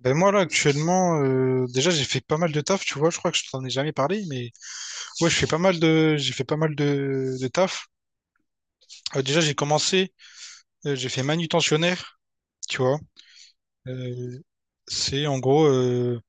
Ben moi là actuellement déjà j'ai fait pas mal de taf tu vois je crois que je t'en ai jamais parlé mais ouais je fais pas mal de j'ai fait pas mal de taf. Déjà j'ai commencé j'ai fait manutentionnaire tu vois. Euh, c'est en gros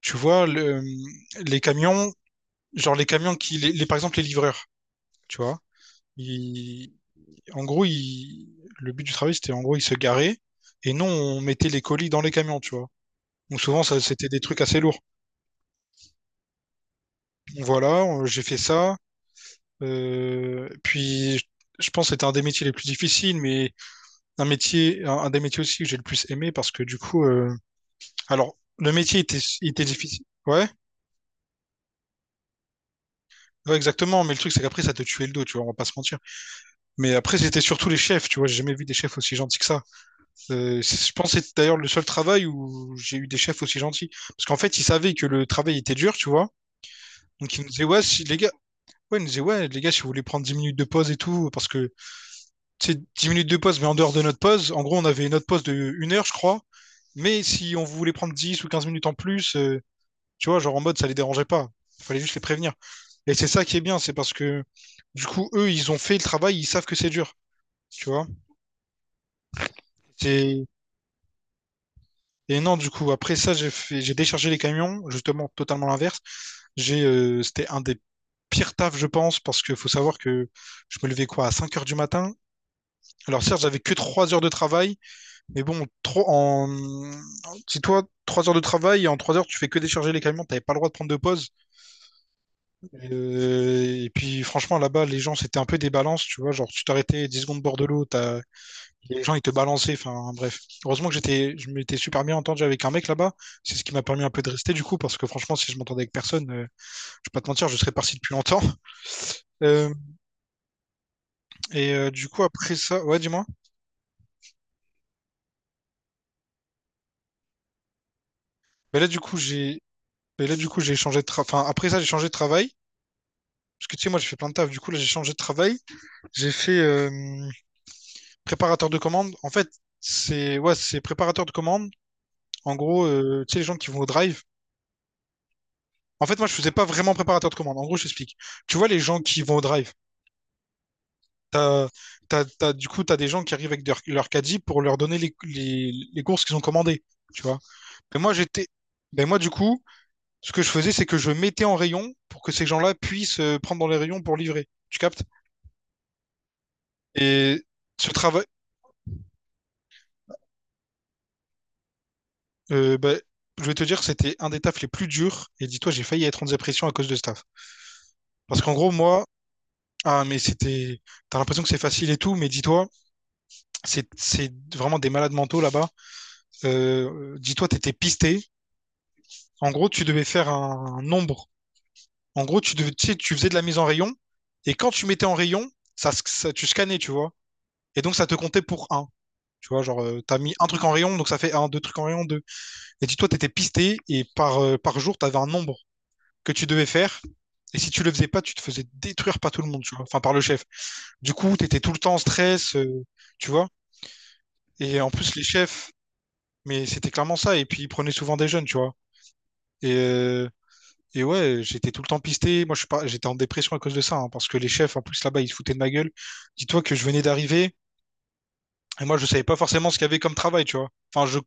tu vois les camions, genre les camions qui par exemple les livreurs tu vois ils, en gros ils, le but du travail c'était en gros ils se garaient et nous on mettait les colis dans les camions tu vois, donc souvent ça c'était des trucs assez lourds. Voilà j'ai fait ça. Puis, pense que c'était un des métiers les plus difficiles, mais un métier, un des métiers aussi que j'ai le plus aimé parce que du coup, alors, le métier était, il était difficile. Ouais, ouais, exactement. Mais le truc, c'est qu'après, ça te tuait le dos, tu vois, on va pas se mentir. Mais après, c'était surtout les chefs, tu vois, j'ai jamais vu des chefs aussi gentils que ça. Je pense que c'est d'ailleurs le seul travail où j'ai eu des chefs aussi gentils. Parce qu'en fait, ils savaient que le travail était dur, tu vois. Donc, ils nous disaient, ouais, si les gars, ouais, ils nous disaient, ouais, les gars, si vous voulez prendre 10 minutes de pause et tout, parce que c'est 10 minutes de pause, mais en dehors de notre pause, en gros, on avait notre pause de 1 heure, je crois. Mais si on voulait prendre 10 ou 15 minutes en plus, tu vois, genre en mode, ça les dérangeait pas. Il fallait juste les prévenir. Et c'est ça qui est bien, c'est parce que du coup, eux, ils ont fait le travail, ils savent que c'est dur. Tu vois? C'est. Et non, du coup, après ça, j'ai déchargé les camions, justement, totalement l'inverse. J'ai, c'était un des pires tafs, je pense, parce qu'il faut savoir que je me levais quoi, à 5 heures du matin. Alors, certes, j'avais que 3 heures de travail, mais bon, trop en... si toi, 3 heures de travail, et en 3 heures, tu fais que décharger les camions, t'avais pas le droit de prendre de pause. Et puis, franchement, là-bas, les gens, c'était un peu des balances, tu vois. Genre, tu t'arrêtais 10 secondes bord de l'eau, t'as... les gens, ils te balançaient. Enfin, bref. Heureusement que j'étais... je m'étais super bien entendu avec un mec là-bas. C'est ce qui m'a permis un peu de rester, du coup, parce que franchement, si je m'entendais avec personne, je vais pas te mentir, je serais parti depuis longtemps. Euh, et du coup, après ça, ouais, dis-moi. Mais là, du coup, j'ai. Mais là, du coup, j'ai changé de tra- enfin, après ça, j'ai changé de travail. Parce que tu sais, moi, j'ai fait plein de taf. Du coup, là, j'ai changé de travail. J'ai fait préparateur de commande. En fait, c'est ouais, c'est préparateur de commande. En gros, tu sais, les gens qui vont au drive. En fait, moi, je faisais pas vraiment préparateur de commande. En gros, je t'explique. Tu vois, les gens qui vont au drive, t'as, t'as, du coup, tu as des gens qui arrivent avec leur caddie pour leur donner les courses qu'ils ont commandées. Tu vois. Mais moi, j'étais. Ben moi, du coup, ce que je faisais, c'est que je mettais en rayon pour que ces gens-là puissent prendre dans les rayons pour livrer. Tu captes? Et ce travail. Euh, bah, je vais te dire que c'était un des tafs les plus durs. Et dis-toi, j'ai failli être en dépression à cause de ce taf. Parce qu'en gros, moi, ah, mais c'était. T'as l'impression que c'est facile et tout, mais dis-toi, c'est vraiment des malades mentaux là-bas. Dis-toi, t'étais pisté. En gros, tu devais faire un nombre. En gros, tu devais, tu sais, tu faisais de la mise en rayon. Et quand tu mettais en rayon, tu scannais, tu vois. Et donc, ça te comptait pour un. Tu vois, genre, t'as mis un truc en rayon, donc ça fait un, deux trucs en rayon, deux. Et dis-toi, t'étais pisté et par, par jour, t'avais un nombre que tu devais faire. Et si tu le faisais pas, tu te faisais détruire par tout le monde, tu vois. Enfin, par le chef. Du coup, tu étais tout le temps en stress, tu vois. Et en plus, les chefs, mais c'était clairement ça. Et puis, ils prenaient souvent des jeunes, tu vois. Et, euh, et ouais, j'étais tout le temps pisté. Moi, je suis pas, j'étais en dépression à cause de ça, hein, parce que les chefs, en plus, là-bas, ils se foutaient de ma gueule. Dis-toi que je venais d'arriver. Et moi, je savais pas forcément ce qu'il y avait comme travail, tu vois. Enfin, je, tu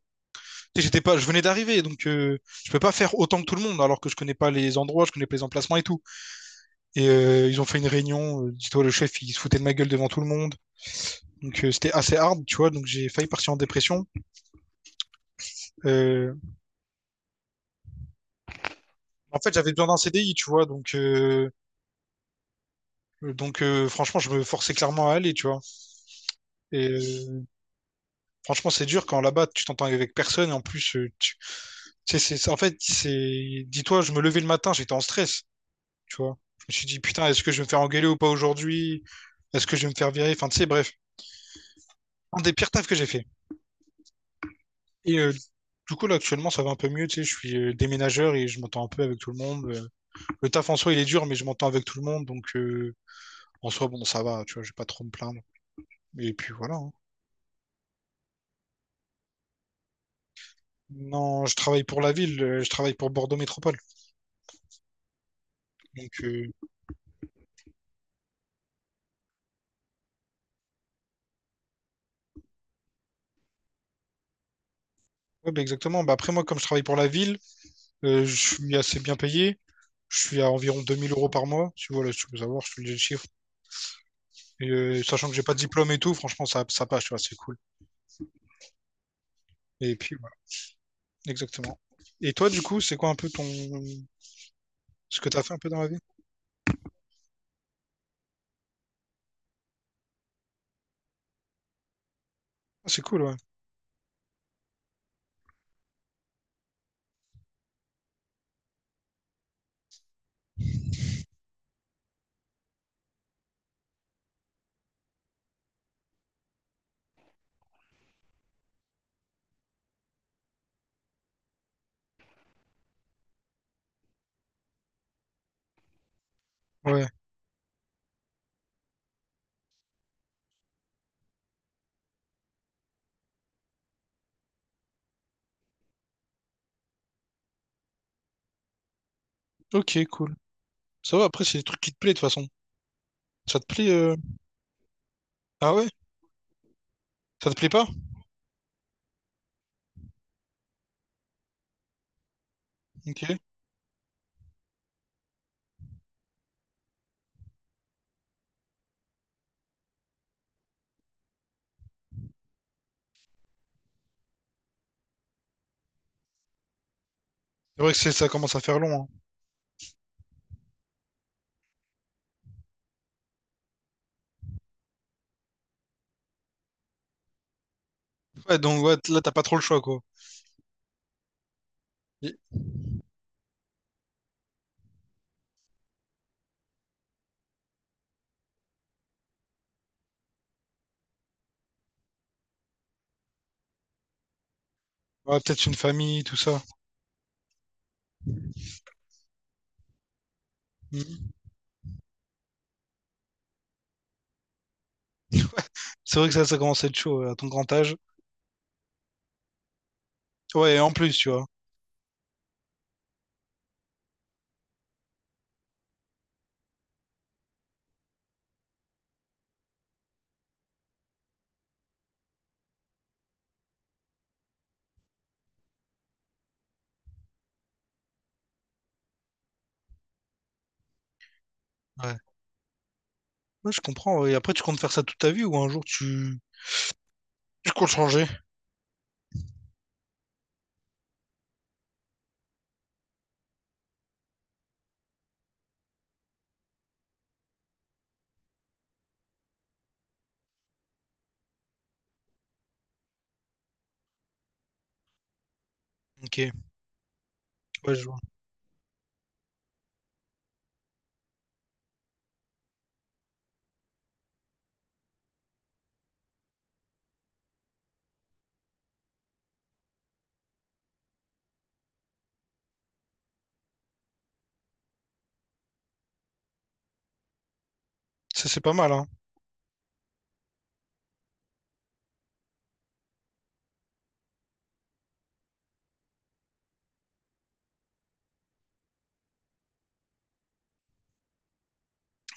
sais, j'étais pas, je venais d'arriver, donc je peux pas faire autant que tout le monde, alors que je connais pas les endroits, je connais pas les emplacements et tout. Et ils ont fait une réunion. Dis-toi, le chef, il se foutait de ma gueule devant tout le monde. Donc c'était assez hard, tu vois. Donc j'ai failli partir en dépression. Euh, en fait, j'avais besoin d'un CDI, tu vois. Donc, franchement, je me forçais clairement à aller, tu vois. Et franchement, c'est dur quand là-bas, tu t'entends avec personne. Et en plus, tu sais, en fait, c'est. Dis-toi, je me levais le matin, j'étais en stress, tu vois. Je me suis dit, putain, est-ce que je vais me faire engueuler ou pas aujourd'hui? Est-ce que je vais me faire virer? Enfin, tu sais, bref, un des pires tafs que j'ai fait. Et du coup, là, actuellement, ça va un peu mieux. Tu sais, je suis déménageur et je m'entends un peu avec tout le monde. Le taf en soi, il est dur, mais je m'entends avec tout le monde. Donc, en soi, bon, ça va. Tu vois, je vais pas trop me plaindre. Et puis voilà, hein. Non, je travaille pour la ville. Je travaille pour Bordeaux Métropole. Donc, ouais, bah, exactement. Bah, après, moi, comme je travaille pour la ville, je suis assez bien payé. Je suis à environ 2000 euros par mois. Tu vois, là, si tu veux savoir, je te dis le chiffre. Et, sachant que j'ai pas de diplôme et tout, franchement, ça passe. Tu vois, c'est cool. Et puis, voilà, exactement. Et toi, du coup, c'est quoi un peu ton, ce que t'as fait un peu dans la vie? Ah, c'est cool, ouais. Ouais. Ok, cool. Ça va, après, c'est des trucs qui te plaisent, de toute façon. Ça te plaît, ah ouais? Ça te plaît pas? Ok. C'est vrai que c'est, ça commence à faire long, hein. Ouais, donc, ouais, là, t'as pas trop le choix, quoi. Et- ouais, peut-être une famille, tout ça. Mhm. C'est vrai que ça commence à être chaud, ouais, à ton grand âge. Ouais, et en plus, tu vois. Ouais. Ouais, je comprends, ouais. Et après, tu comptes faire ça toute ta vie ou un jour, tu... Tu comptes changer? Ok. Ouais, je vois. Ça, c'est pas mal, hein.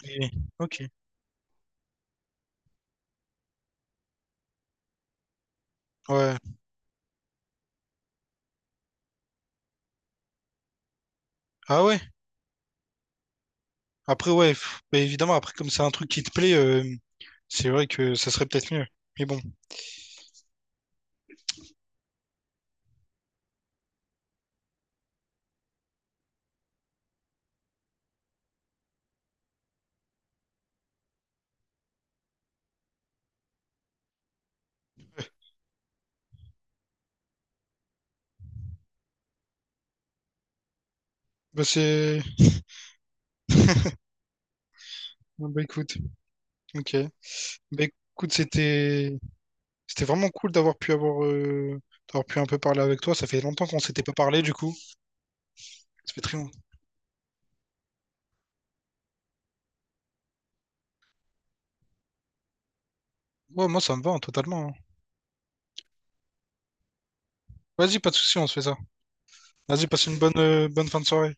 Et- ok. Ouais. Ah ouais? Après, ouais, pff, bah, évidemment, après, comme c'est un truc qui te plaît... c'est vrai que ça serait peut-être mieux. Mais bon, bah c'est... ah bah écoute, ok. Bah écoute, c'était... C'était vraiment cool d'avoir pu avoir... d'avoir pu un peu parler avec toi. Ça fait longtemps qu'on s'était pas parlé, du coup. Ça fait très longtemps. Ouais, moi, ça me va, hein, totalement, hein. Vas-y, pas de souci, on se fait ça. Vas-y, passe une bonne, bonne fin de soirée.